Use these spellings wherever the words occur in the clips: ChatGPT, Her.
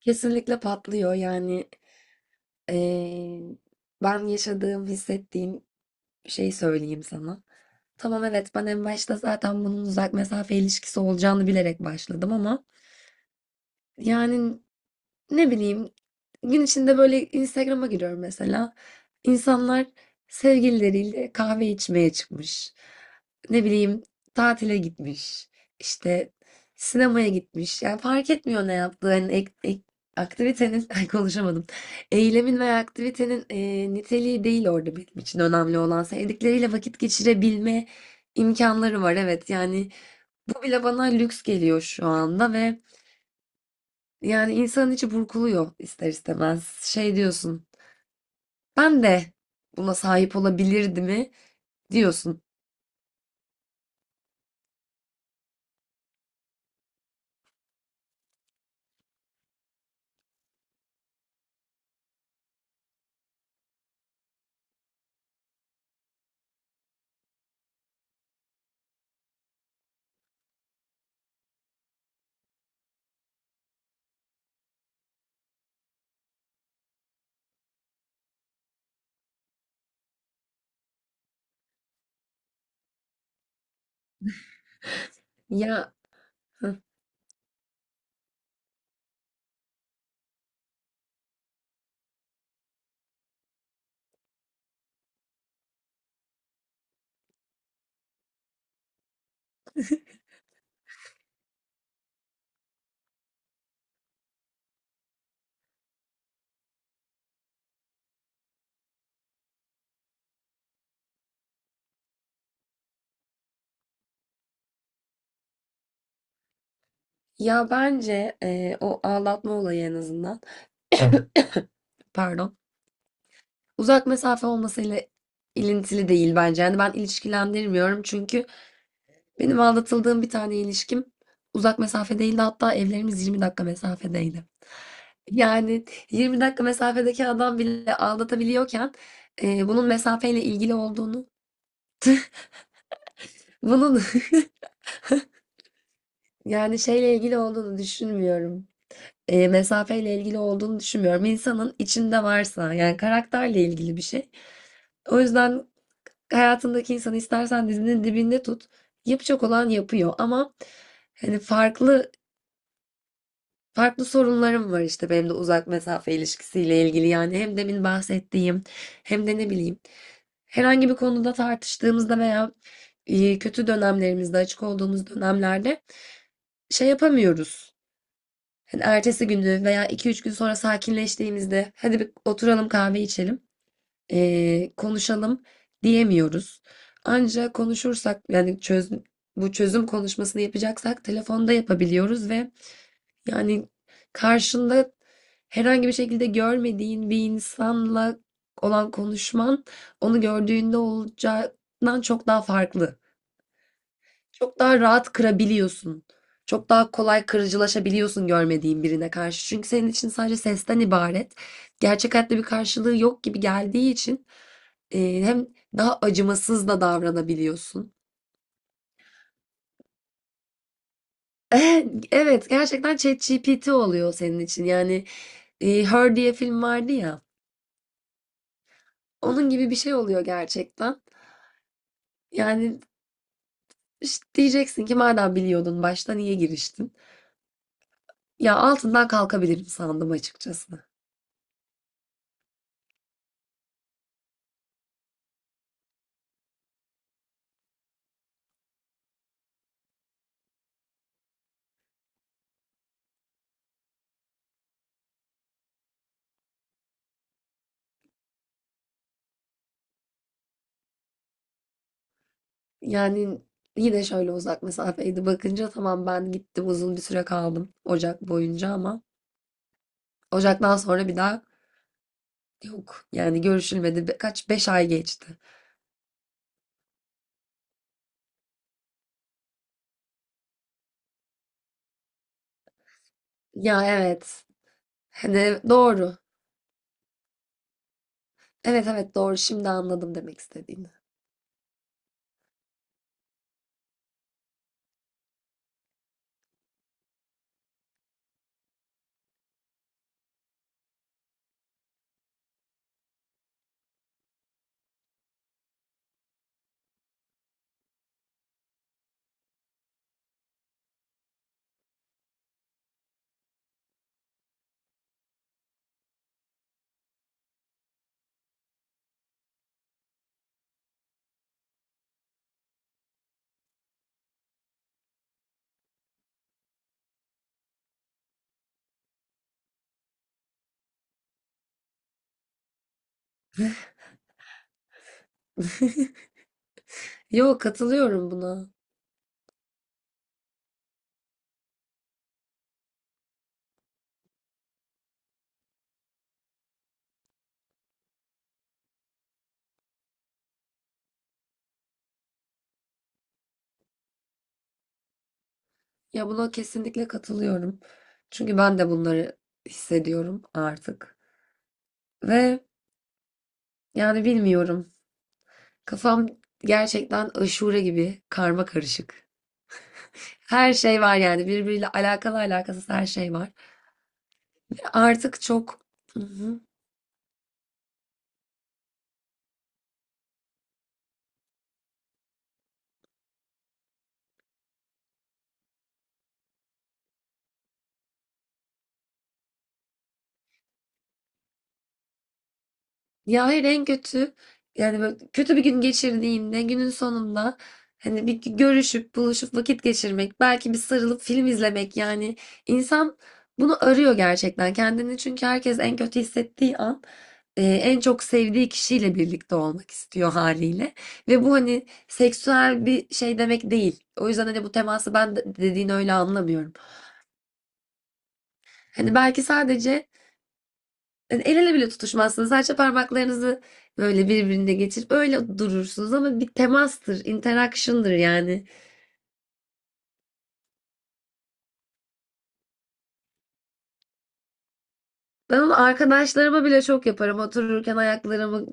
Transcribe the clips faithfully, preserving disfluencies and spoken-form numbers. Kesinlikle patlıyor yani eee, ben yaşadığım hissettiğim şeyi söyleyeyim sana. Tamam, evet, ben en başta zaten bunun uzak mesafe ilişkisi olacağını bilerek başladım ama yani ne bileyim, gün içinde böyle Instagram'a giriyorum mesela. İnsanlar sevgilileriyle kahve içmeye çıkmış. Ne bileyim, tatile gitmiş. İşte sinemaya gitmiş. Yani fark etmiyor ne yaptığı. Hani ek- ek- aktivitenin, ay konuşamadım. Eylemin veya aktivitenin e, niteliği değil orada benim için önemli olan. Sevdikleriyle vakit geçirebilme imkanları var. Evet yani bu bile bana lüks geliyor şu anda ve yani insanın içi burkuluyor ister istemez. Şey diyorsun. Ben de buna sahip olabilirdi mi diyorsun. Ya hı. Ya bence e, o ağlatma olayı en azından. Pardon. Uzak mesafe olmasıyla ilintili değil bence. Yani ben ilişkilendirmiyorum çünkü benim aldatıldığım bir tane ilişkim uzak mesafedeydi. Hatta evlerimiz yirmi dakika mesafedeydi. Yani yirmi dakika mesafedeki adam bile aldatabiliyorken e, bunun mesafeyle ilgili olduğunu bunun yani şeyle ilgili olduğunu düşünmüyorum. E, mesafeyle ilgili olduğunu düşünmüyorum. İnsanın içinde varsa yani karakterle ilgili bir şey. O yüzden hayatındaki insanı istersen dizinin dibinde tut. Yapacak olan yapıyor ama hani farklı farklı sorunlarım var işte benim de uzak mesafe ilişkisiyle ilgili. Yani hem demin bahsettiğim hem de ne bileyim herhangi bir konuda tartıştığımızda veya e, kötü dönemlerimizde açık olduğumuz dönemlerde şey yapamıyoruz. Hani ertesi gündü veya iki üç gün sonra sakinleştiğimizde hadi bir oturalım kahve içelim, ee, konuşalım diyemiyoruz. Ancak konuşursak yani çöz, bu çözüm konuşmasını yapacaksak telefonda yapabiliyoruz ve yani karşında herhangi bir şekilde görmediğin bir insanla olan konuşman onu gördüğünde olacağından çok daha farklı. Çok daha rahat kırabiliyorsun. Çok daha kolay kırıcılaşabiliyorsun görmediğin birine karşı. Çünkü senin için sadece sesten ibaret. Gerçek hayatta bir karşılığı yok gibi geldiği için e, hem daha acımasız da davranabiliyorsun. Eh, Evet, gerçekten ChatGPT oluyor senin için. Yani e, Her diye film vardı ya. Onun gibi bir şey oluyor gerçekten. Yani işte diyeceksin ki madem biliyordun başta niye giriştin? Ya altından kalkabilirim sandım açıkçası. Yani yine şöyle uzak mesafeydi. Bakınca tamam ben gittim uzun bir süre kaldım Ocak boyunca ama Ocak'tan sonra bir daha yok. Yani görüşülmedi. Be- Kaç? Beş ay geçti. Ya evet. Hani doğru. Evet, evet, doğru. Şimdi anladım demek istediğini. Yok, katılıyorum buna. Ya buna kesinlikle katılıyorum. Çünkü ben de bunları hissediyorum artık. Ve yani bilmiyorum. Kafam gerçekten aşure gibi karma karışık. Her şey var yani birbiriyle alakalı alakasız her şey var. Artık çok. Hı hı. Ya hayır en kötü yani böyle kötü bir gün geçirdiğinde günün sonunda hani bir görüşüp buluşup vakit geçirmek belki bir sarılıp film izlemek yani insan bunu arıyor gerçekten kendini çünkü herkes en kötü hissettiği an e, en çok sevdiği kişiyle birlikte olmak istiyor haliyle. Ve bu hani seksüel bir şey demek değil. O yüzden hani bu teması ben de- dediğin öyle anlamıyorum. Hani belki sadece hani el ele bile tutuşmazsınız. Sadece parmaklarınızı böyle birbirine geçirip öyle durursunuz ama bir temastır, interaction'dır yani. Ben onu arkadaşlarıma bile çok yaparım. Otururken ayaklarımı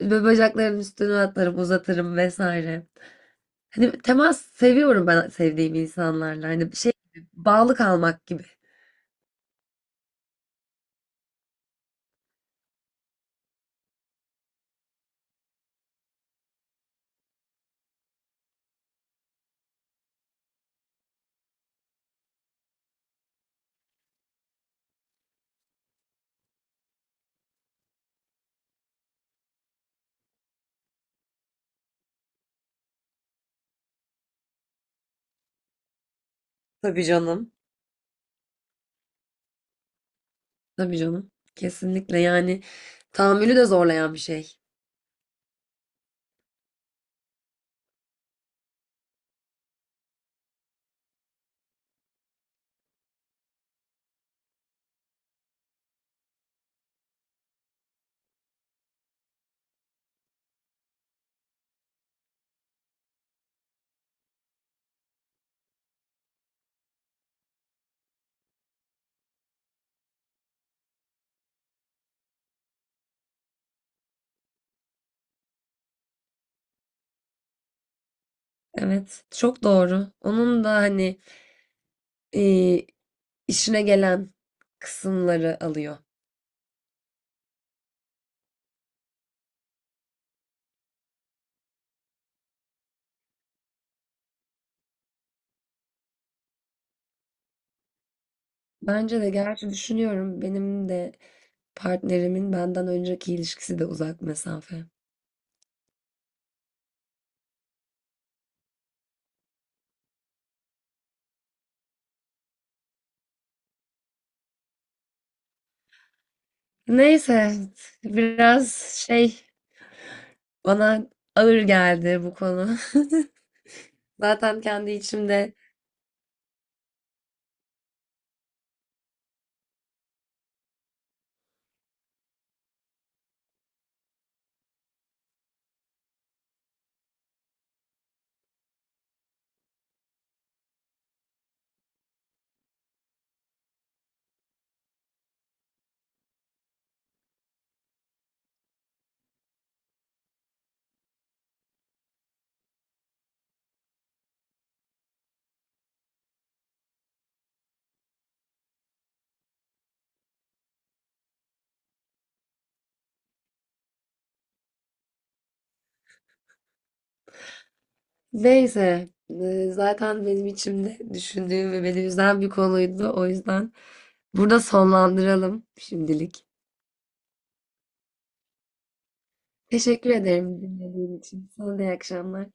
ve bacaklarımın üstüne atlarım, uzatırım vesaire. Hani temas seviyorum ben sevdiğim insanlarla. Hani şey gibi, bağlı kalmak gibi. Tabii canım. Tabii canım. Kesinlikle yani tahammülü de zorlayan bir şey. Evet, çok doğru. Onun da hani Eee, işine gelen kısımları alıyor. Bence de gerçi düşünüyorum benim de partnerimin benden önceki ilişkisi de uzak mesafe. Neyse biraz şey bana ağır geldi bu konu. Zaten kendi içimde neyse e, zaten benim içimde düşündüğüm ve beni üzen bir konuydu. O yüzden burada sonlandıralım şimdilik. Teşekkür ederim dinlediğin için. Sana da iyi akşamlar.